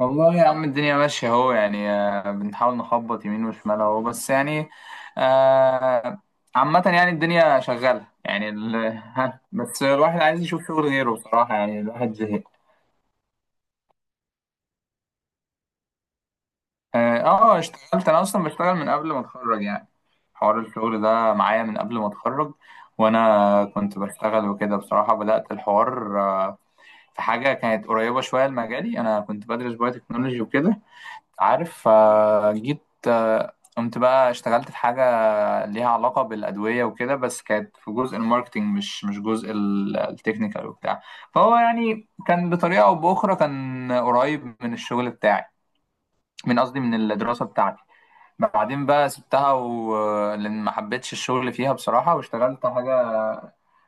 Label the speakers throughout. Speaker 1: والله يا عم، الدنيا ماشية اهو. بنحاول نخبط يمين وشمال اهو، بس يعني آه، عامة يعني الدنيا شغالة يعني ها، بس الواحد عايز يشوف شغل غيره بصراحة، يعني الواحد زهق. اشتغلت انا اصلا، بشتغل من قبل ما اتخرج يعني. حوار الشغل ده معايا من قبل ما اتخرج، وانا كنت بشتغل وكده. بصراحة بدأت الحوار في حاجة كانت قريبة شوية لمجالي. انا كنت بدرس بايو تكنولوجي وكده عارف، فجيت قمت بقى اشتغلت في حاجة كان ليها علاقة بالأدوية وكده، بس كانت في جزء الماركتينج، مش جزء التكنيكال وبتاع. فهو يعني كان بطريقة أو بأخرى كان قريب من الشغل بتاعي، من قصدي من الدراسة بتاعتي. بعدين بقى سبتها لأن ما حبيتش الشغل فيها بصراحة، واشتغلت حاجة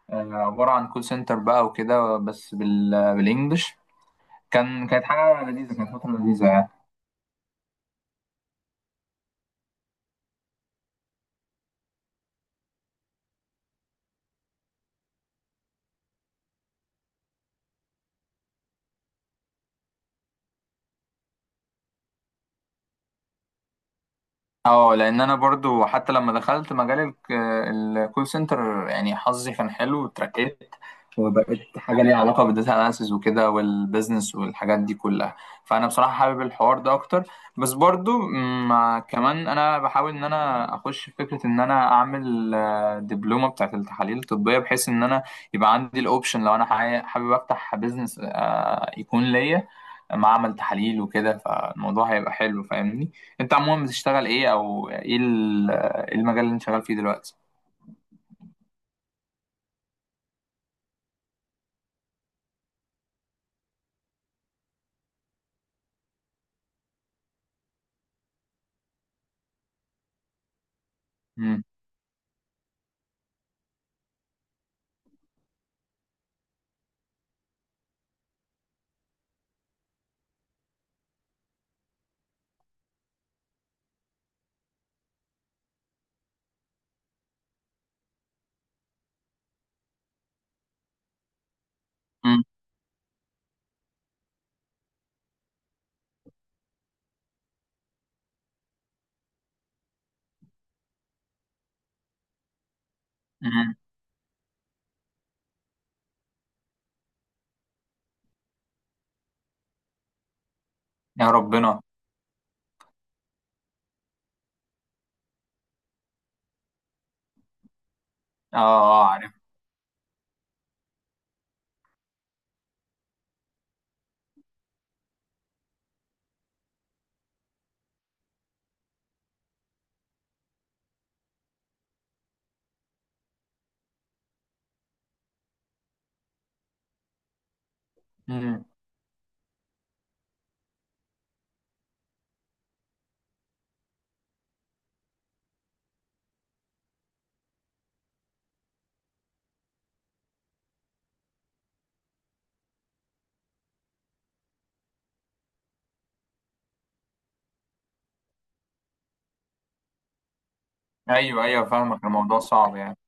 Speaker 1: آه، عبارة عن كول سنتر بقى وكده، بس بالإنجلش. كانت حاجة لذيذة، كانت فترة لذيذة. اه، لان انا برضو حتى لما دخلت مجال الكول سنتر يعني حظي كان حلو وترقيت، وبقيت حاجه ليها علاقه بالداتا اناليسز وكده والبيزنس والحاجات دي كلها. فانا بصراحه حابب الحوار ده اكتر، بس برضو مع كمان انا بحاول ان انا اخش في فكره ان انا اعمل دبلومه بتاعت التحاليل الطبيه، بحيث ان انا يبقى عندي الاوبشن لو انا حابب افتح بيزنس يكون ليا معمل تحاليل وكده، فالموضوع هيبقى حلو فاهمني. انت عموما بتشتغل ايه، او ايه المجال اللي انت شغال فيه دلوقتي؟ مم. مم. مم. يا ربنا. اه اه، عارف. مم. ايوه ايوه فاهمك، الموضوع صعب يعني.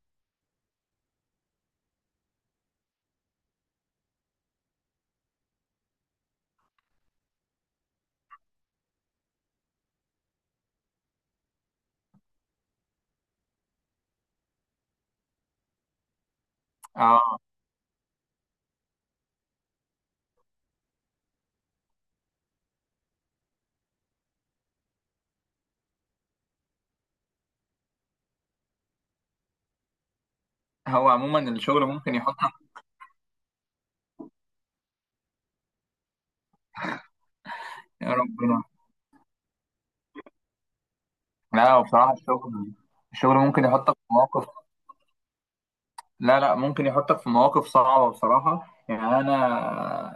Speaker 1: اه، هو عموما الشغل ممكن يحطك. يا ربنا. لا، هو بصراحة الشغل، الشغل ممكن يحطك في مواقف. لا لا، ممكن يحطك في مواقف صعبة بصراحة. يعني أنا،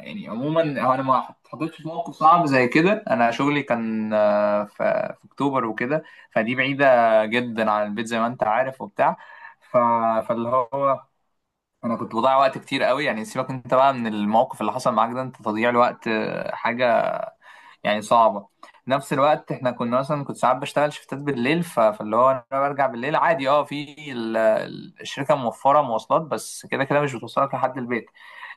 Speaker 1: يعني عموما، هو أنا ما اتحطيتش في موقف صعب زي كده. أنا شغلي كان في أكتوبر وكده، فدي بعيدة جدا عن البيت زي ما أنت عارف وبتاع. ف... فاللي هو أنا كنت بضيع وقت كتير قوي يعني. سيبك أنت بقى من الموقف اللي حصل معاك ده، أنت تضييع الوقت حاجة يعني صعبة. نفس الوقت احنا كنا مثلا كنت ساعات بشتغل شفتات بالليل، فاللي هو انا برجع بالليل عادي، اه في الشركة موفرة مواصلات، بس كده كده مش بتوصلك لحد البيت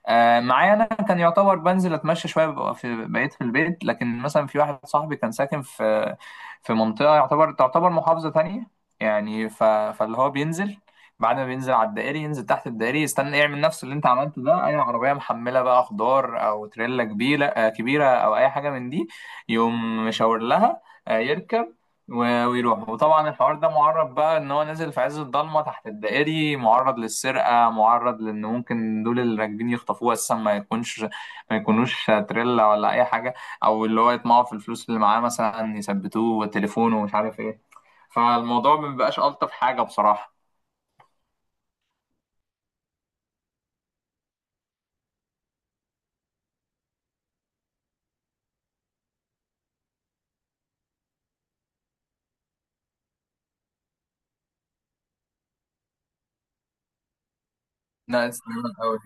Speaker 1: آه، معايا انا كان يعتبر بنزل اتمشى شويه، ببقى بقيت في البيت. لكن مثلا في واحد صاحبي كان ساكن في في منطقه يعتبر تعتبر محافظه تانية يعني. فاللي هو بينزل، بعد ما بينزل على الدائري ينزل تحت الدائري يستنى، يعمل نفس اللي انت عملته ده، اي عربيه محمله بقى خضار او تريلا كبيره، كبيره او اي حاجه من دي، يقوم مشاور لها. يركب ويروح. وطبعا الحوار ده معرض بقى، ان هو نازل في عز الضلمه تحت الدائري، معرض للسرقه، معرض لان ممكن دول اللي راكبين يخطفوه اساسا، ما يكونش ما يكونوش تريلا ولا اي حاجه، او اللي هو يطمعوا في الفلوس اللي معاه مثلا يثبتوه وتليفونه ومش عارف ايه. فالموضوع ما بيبقاش الطف حاجه بصراحه. ناقص قوي.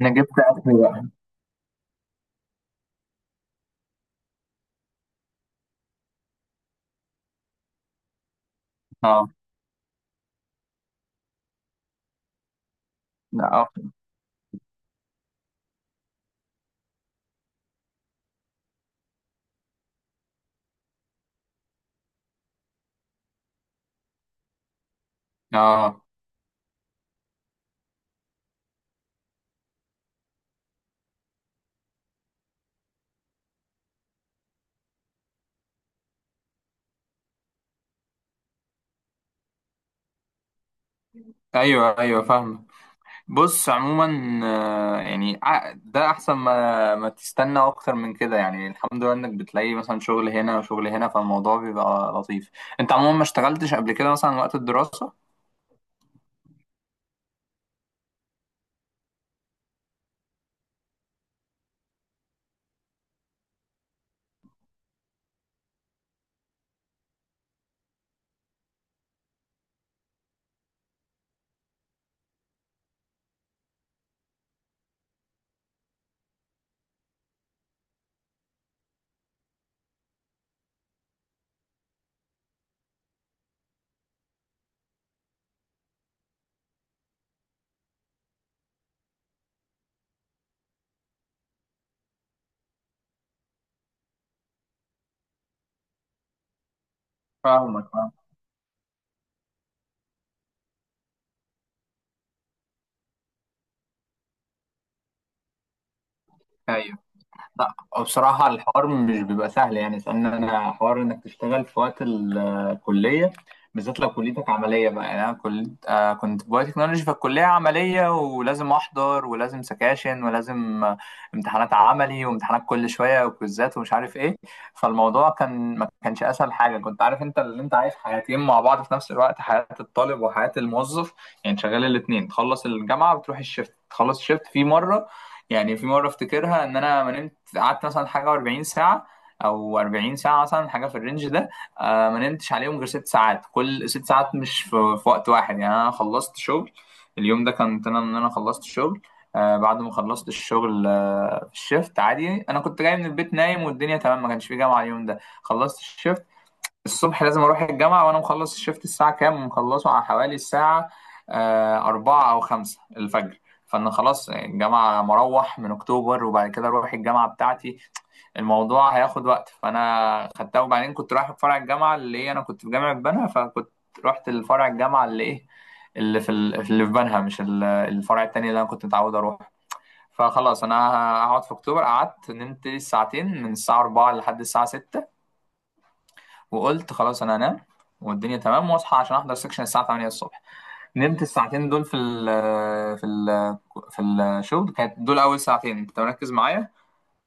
Speaker 1: انا جبت اكل بقى. اه اه اه. ايوه ايوه فاهمك. بص عموما، يعني ده احسن، ما تستنى اكتر من كده يعني. الحمد لله انك بتلاقي مثلا شغل هنا وشغل هنا، فالموضوع بيبقى لطيف. انت عموما ما اشتغلتش قبل كده مثلا وقت الدراسة؟ فاهمك فاهمك. ايوه. لا، بصراحة الحوار مش بيبقى سهل يعني، لأن أنا حوار إنك تشتغل في وقت الكلية، بالذات لو كليتك عملية بقى. يعني أنا كل... آه كنت في بايو تكنولوجي، فالكلية عملية ولازم أحضر ولازم سكاشن ولازم امتحانات عملي وامتحانات كل شوية وكويزات ومش عارف إيه. فالموضوع كان ما كانش أسهل حاجة كنت عارف أنت، اللي أنت عايش حياتين مع بعض في نفس الوقت، حياة الطالب وحياة الموظف، يعني شغال الاتنين. تخلص الجامعة بتروح الشفت، تخلص الشفت. في مرة، يعني في مرة افتكرها، ان انا ما نمت قعدت مثلا حاجة 40 ساعة او 40 ساعة مثلا، حاجة في الرينج ده. آه، ما نمتش عليهم غير ست ساعات، كل ست ساعات مش في, في وقت واحد. يعني انا خلصت شغل اليوم ده، كنت انا ان انا خلصت شغل آه، بعد ما خلصت الشغل آه في الشيفت عادي. انا كنت جاي من البيت نايم والدنيا تمام، ما كانش في جامعة اليوم ده. خلصت الشيفت الصبح، لازم اروح الجامعه، وانا مخلص الشفت الساعه كام، مخلصه على حوالي الساعه أربعة أو خمسة الفجر. فأنا خلاص، الجامعة مروح من أكتوبر، وبعد كده أروح الجامعة بتاعتي، الموضوع هياخد وقت. فأنا خدتها، وبعدين كنت رايح فرع الجامعة اللي إيه، أنا كنت في جامعة بنها، فكنت رحت لفرع الجامعة اللي إيه، اللي في اللي في بنها، مش الفرع التاني اللي أنا كنت متعود أروح. فخلاص أنا هقعد في أكتوبر، قعدت نمت ساعتين من الساعة 4 لحد الساعة 6 وقلت خلاص انا هنام والدنيا تمام، واصحى عشان احضر سكشن الساعه 8 الصبح. نمت الساعتين دول في ال في ال في الشغل، كانت دول اول ساعتين، انت مركز معايا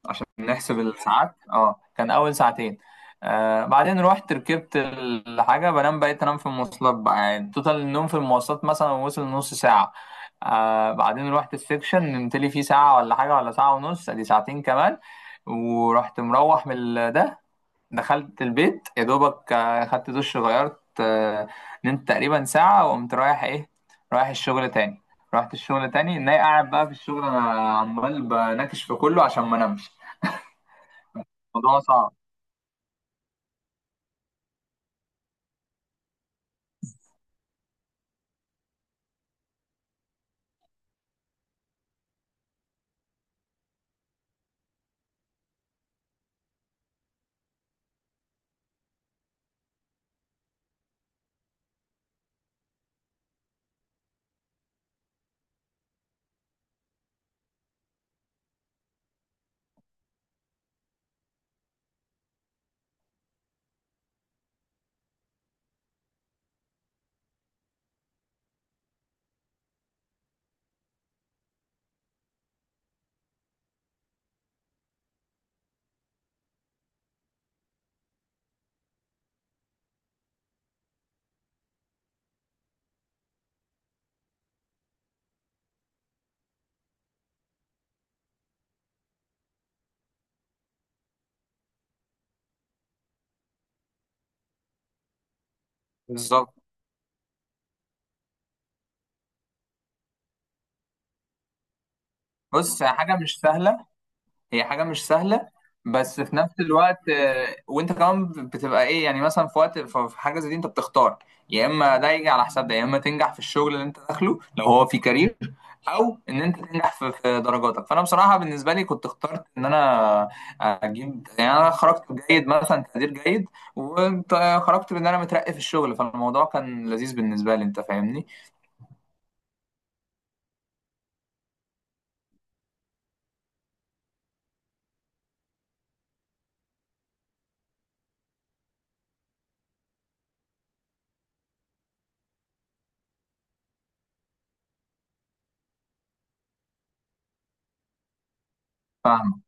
Speaker 1: عشان نحسب الساعات. اه، كان اول ساعتين. آه بعدين رحت ركبت الحاجه بنام، بقيت انام في المواصلات بقى، يعني توتال النوم في المواصلات مثلا وصل نص ساعه. آه بعدين رحت السكشن نمت لي فيه ساعه ولا حاجه ولا ساعه ونص، ادي ساعتين كمان. ورحت مروح من ده، دخلت البيت يا دوبك، خدت دش غيرت، نمت تقريبا ساعة، وقمت رايح ايه، رايح الشغل تاني. رحت الشغل تاني، ناي قاعد بقى في الشغل انا عمال بناكش في كله عشان ما انامش. الموضوع صعب. بالظبط. بص، هي حاجة مش سهلة، هي حاجة مش سهلة. بس في نفس الوقت، وانت كمان بتبقى ايه، يعني مثلا في وقت في في حاجة زي دي انت بتختار، يا اما ده يجي على حساب ده، يا اما تنجح في الشغل اللي انت داخله لو هو في كارير، او ان انت تنجح في درجاتك. فانا بصراحه بالنسبه لي كنت اخترت ان انا اجيب، يعني انا خرجت جيد، مثلا تقدير جيد، وخرجت بان انا مترقي في الشغل، فالموضوع كان لذيذ بالنسبه لي، انت فاهمني. فاهمك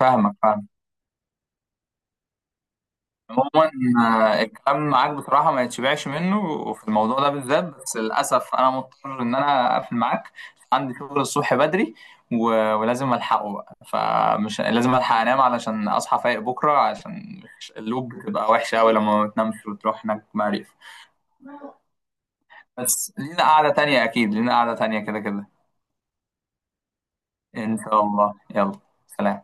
Speaker 1: فاهمك فاهمك. عموما، الكلام معاك بصراحة ما يتشبعش منه، وفي الموضوع ده بالذات، بس للأسف أنا مضطر إن أنا أقفل معاك. عندي شغل الصبح بدري، ولازم ألحقه بقى، فمش لازم ألحق أنام علشان أصحى فايق بكرة، عشان اللوب بتبقى وحشة أوي لما ما بتنامش وتروح هناك معرفة. بس لينا قعدة تانية، أكيد لينا قعدة تانية كده كده. إن شاء الله، يلا، سلام.